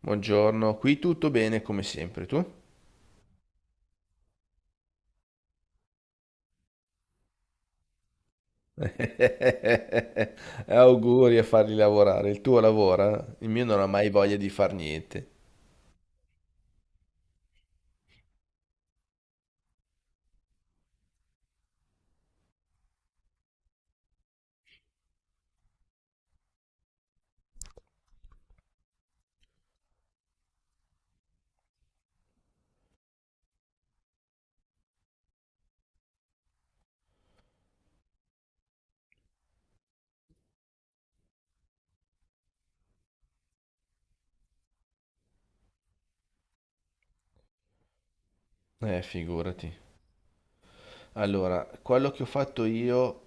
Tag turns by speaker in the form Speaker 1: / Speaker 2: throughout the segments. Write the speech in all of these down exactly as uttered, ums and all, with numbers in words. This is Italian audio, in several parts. Speaker 1: Buongiorno, qui tutto bene come sempre, tu? Eh, Auguri a farli lavorare, il tuo lavora, il mio non ha mai voglia di far niente. Eh, figurati. Allora, quello che ho fatto io,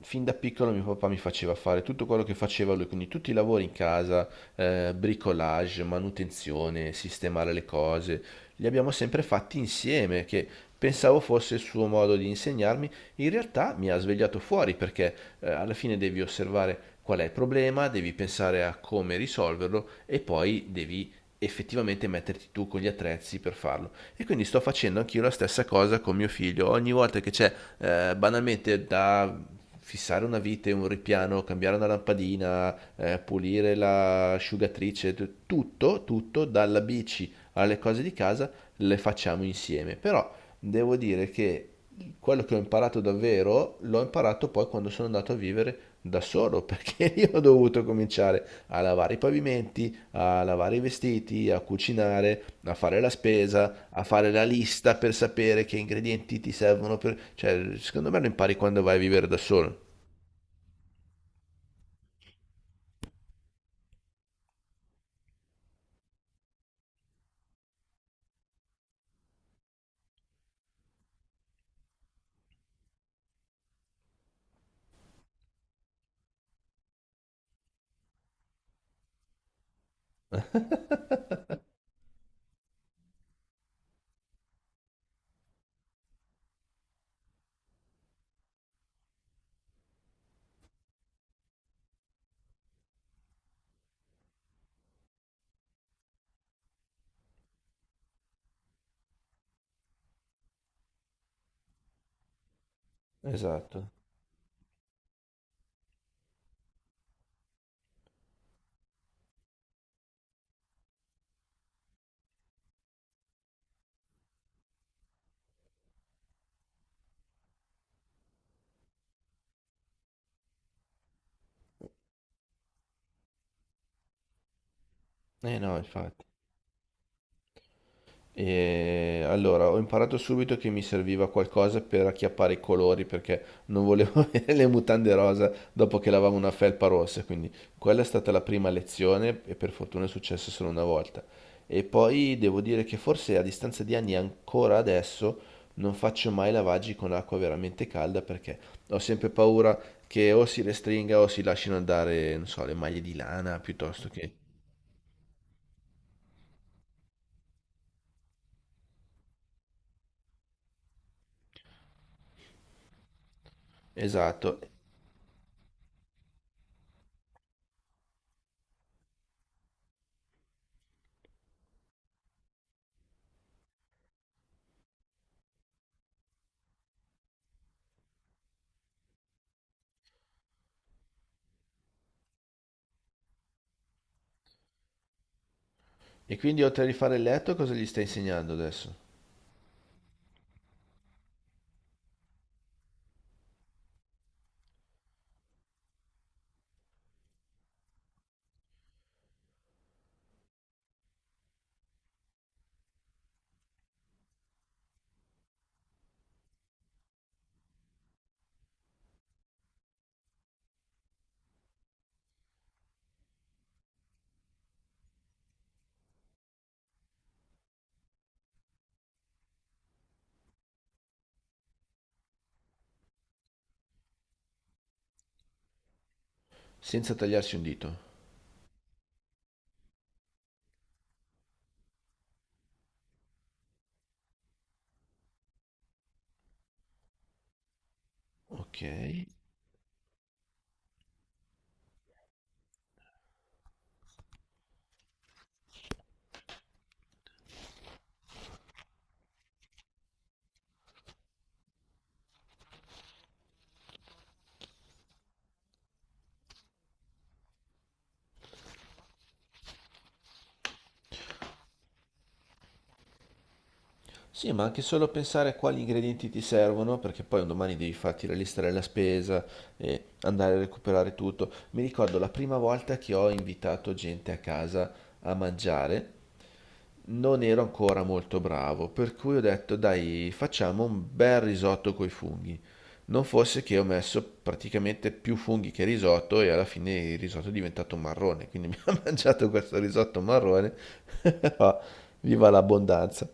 Speaker 1: fin da piccolo mio papà mi faceva fare tutto quello che faceva lui, quindi tutti i lavori in casa, eh, bricolage, manutenzione, sistemare le cose, li abbiamo sempre fatti insieme, che pensavo fosse il suo modo di insegnarmi, in realtà mi ha svegliato fuori perché eh, alla fine devi osservare qual è il problema, devi pensare a come risolverlo e poi devi effettivamente metterti tu con gli attrezzi per farlo. E quindi sto facendo anch'io la stessa cosa con mio figlio. Ogni volta che c'è eh, banalmente da fissare una vite, un ripiano, cambiare una lampadina, eh, pulire l'asciugatrice, t- tutto, tutto, dalla bici alle cose di casa, le facciamo insieme. Però devo dire che quello che ho imparato davvero l'ho imparato poi quando sono andato a vivere da solo, perché io ho dovuto cominciare a lavare i pavimenti, a lavare i vestiti, a cucinare, a fare la spesa, a fare la lista per sapere che ingredienti ti servono per... Cioè, secondo me lo impari quando vai a vivere da solo. Esatto. Eh no, infatti. E allora ho imparato subito che mi serviva qualcosa per acchiappare i colori perché non volevo avere le mutande rosa dopo che lavavo una felpa rossa, quindi quella è stata la prima lezione e per fortuna è successo solo una volta. E poi devo dire che forse a distanza di anni ancora adesso non faccio mai lavaggi con acqua veramente calda perché ho sempre paura che o si restringa o si lasciano andare, non so, le maglie di lana piuttosto che... Esatto. E quindi oltre a rifare il letto, cosa gli stai insegnando adesso? Senza tagliarsi un dito. Ok. Sì, ma anche solo pensare a quali ingredienti ti servono, perché poi un domani devi farti la lista della spesa e andare a recuperare tutto. Mi ricordo la prima volta che ho invitato gente a casa a mangiare, non ero ancora molto bravo, per cui ho detto, dai, facciamo un bel risotto coi funghi. Non fosse che ho messo praticamente più funghi che risotto e alla fine il risotto è diventato marrone, quindi mi ho mangiato questo risotto marrone. Viva l'abbondanza!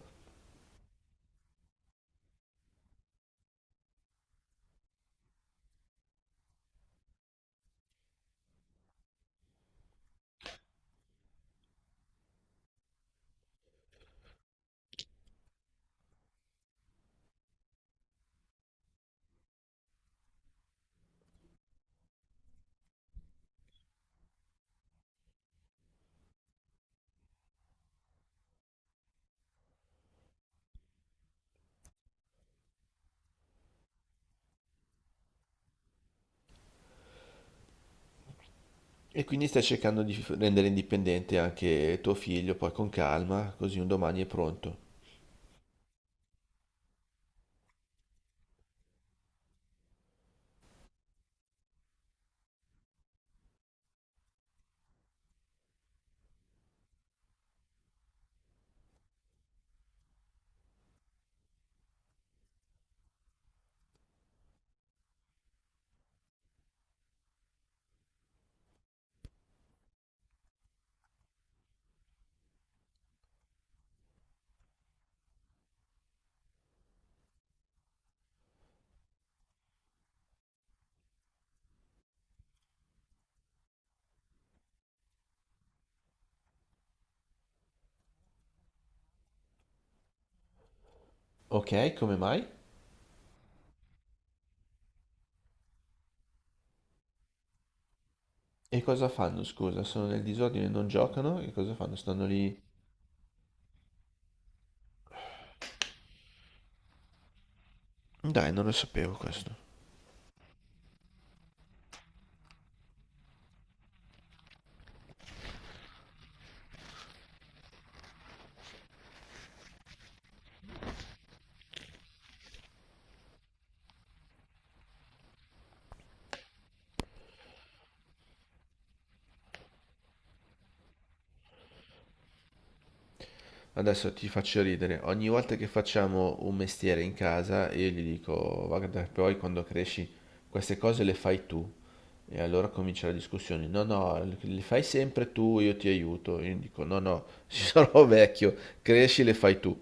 Speaker 1: E quindi stai cercando di f- rendere indipendente anche tuo figlio, poi con calma, così un domani è pronto. Ok, come mai? E cosa fanno, scusa? Sono nel disordine, e non giocano? E cosa fanno? Stanno lì... Dai, non lo sapevo questo. Adesso ti faccio ridere. Ogni volta che facciamo un mestiere in casa, io gli dico, guarda, poi quando cresci queste cose le fai tu. E allora comincia la discussione. No, no, le fai sempre tu, io ti aiuto. Io dico, no, no, sarò vecchio, cresci, le fai tu.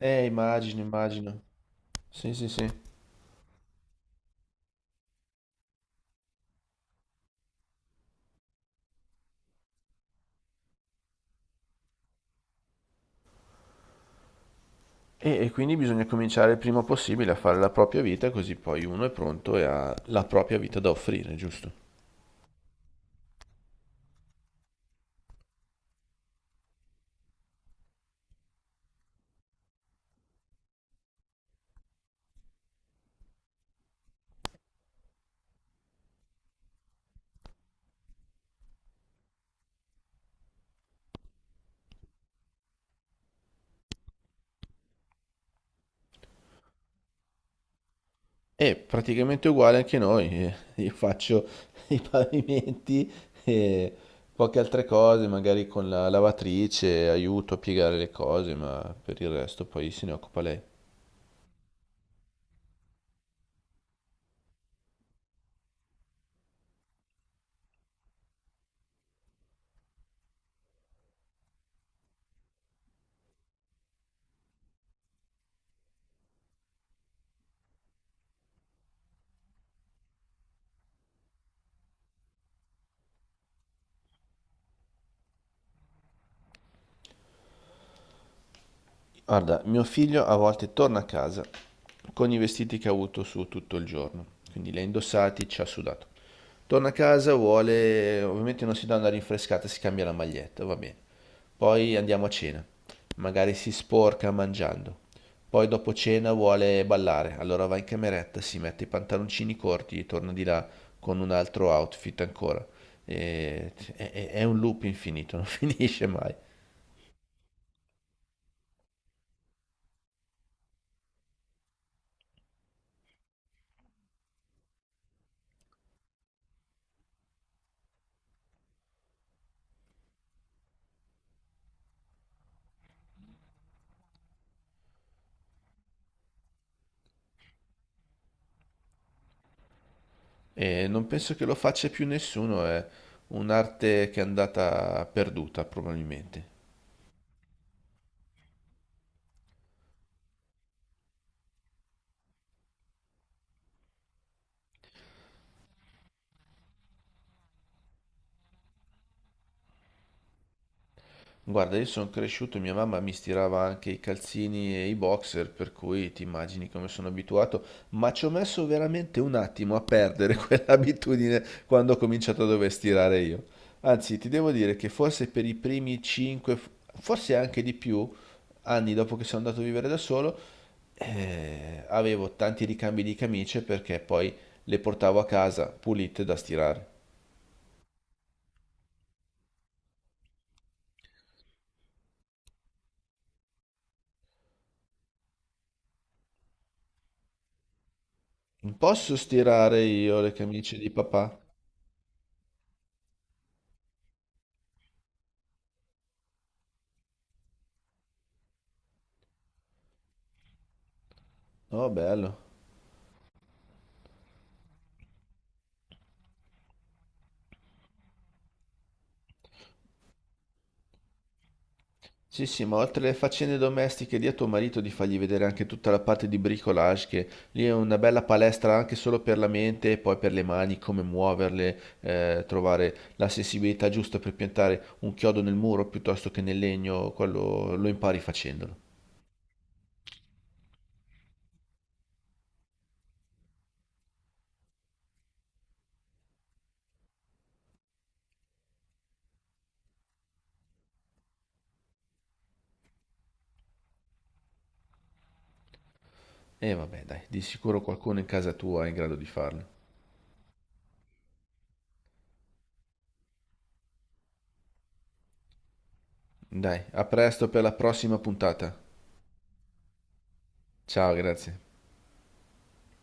Speaker 1: Eh, immagino, immagino. Sì, sì, sì. E, e quindi bisogna cominciare il prima possibile a fare la propria vita, così poi uno è pronto e ha la propria vita da offrire, giusto? E praticamente uguale anche noi. eh, Io faccio i pavimenti e poche altre cose, magari con la lavatrice, aiuto a piegare le cose, ma per il resto poi se ne occupa lei. Guarda, mio figlio a volte torna a casa con i vestiti che ha avuto su tutto il giorno, quindi li ha indossati, ci ha sudato. Torna a casa, vuole, ovviamente non si dà una rinfrescata, si cambia la maglietta, va bene. Poi andiamo a cena, magari si sporca mangiando. Poi dopo cena vuole ballare, allora va in cameretta, si mette i pantaloncini corti, torna di là con un altro outfit ancora. E- è, è- è un loop infinito, non finisce mai. E non penso che lo faccia più nessuno, è un'arte che è andata perduta probabilmente. Guarda, io sono cresciuto, mia mamma mi stirava anche i calzini e i boxer, per cui ti immagini come sono abituato, ma ci ho messo veramente un attimo a perdere quell'abitudine quando ho cominciato a dover stirare io. Anzi, ti devo dire che forse per i primi cinque, forse anche di più, anni dopo che sono andato a vivere da solo, eh, avevo tanti ricambi di camicie perché poi le portavo a casa pulite da stirare. Non posso stirare io le camicie di papà? Oh, bello. Sì, sì, ma oltre alle faccende domestiche, di a tuo marito di fargli vedere anche tutta la parte di bricolage, che lì è una bella palestra anche solo per la mente e poi per le mani, come muoverle, eh, trovare la sensibilità giusta per piantare un chiodo nel muro piuttosto che nel legno, quello lo impari facendolo. E vabbè, dai, di sicuro qualcuno in casa tua è in grado di farlo. Dai, a presto per la prossima puntata. Ciao, grazie.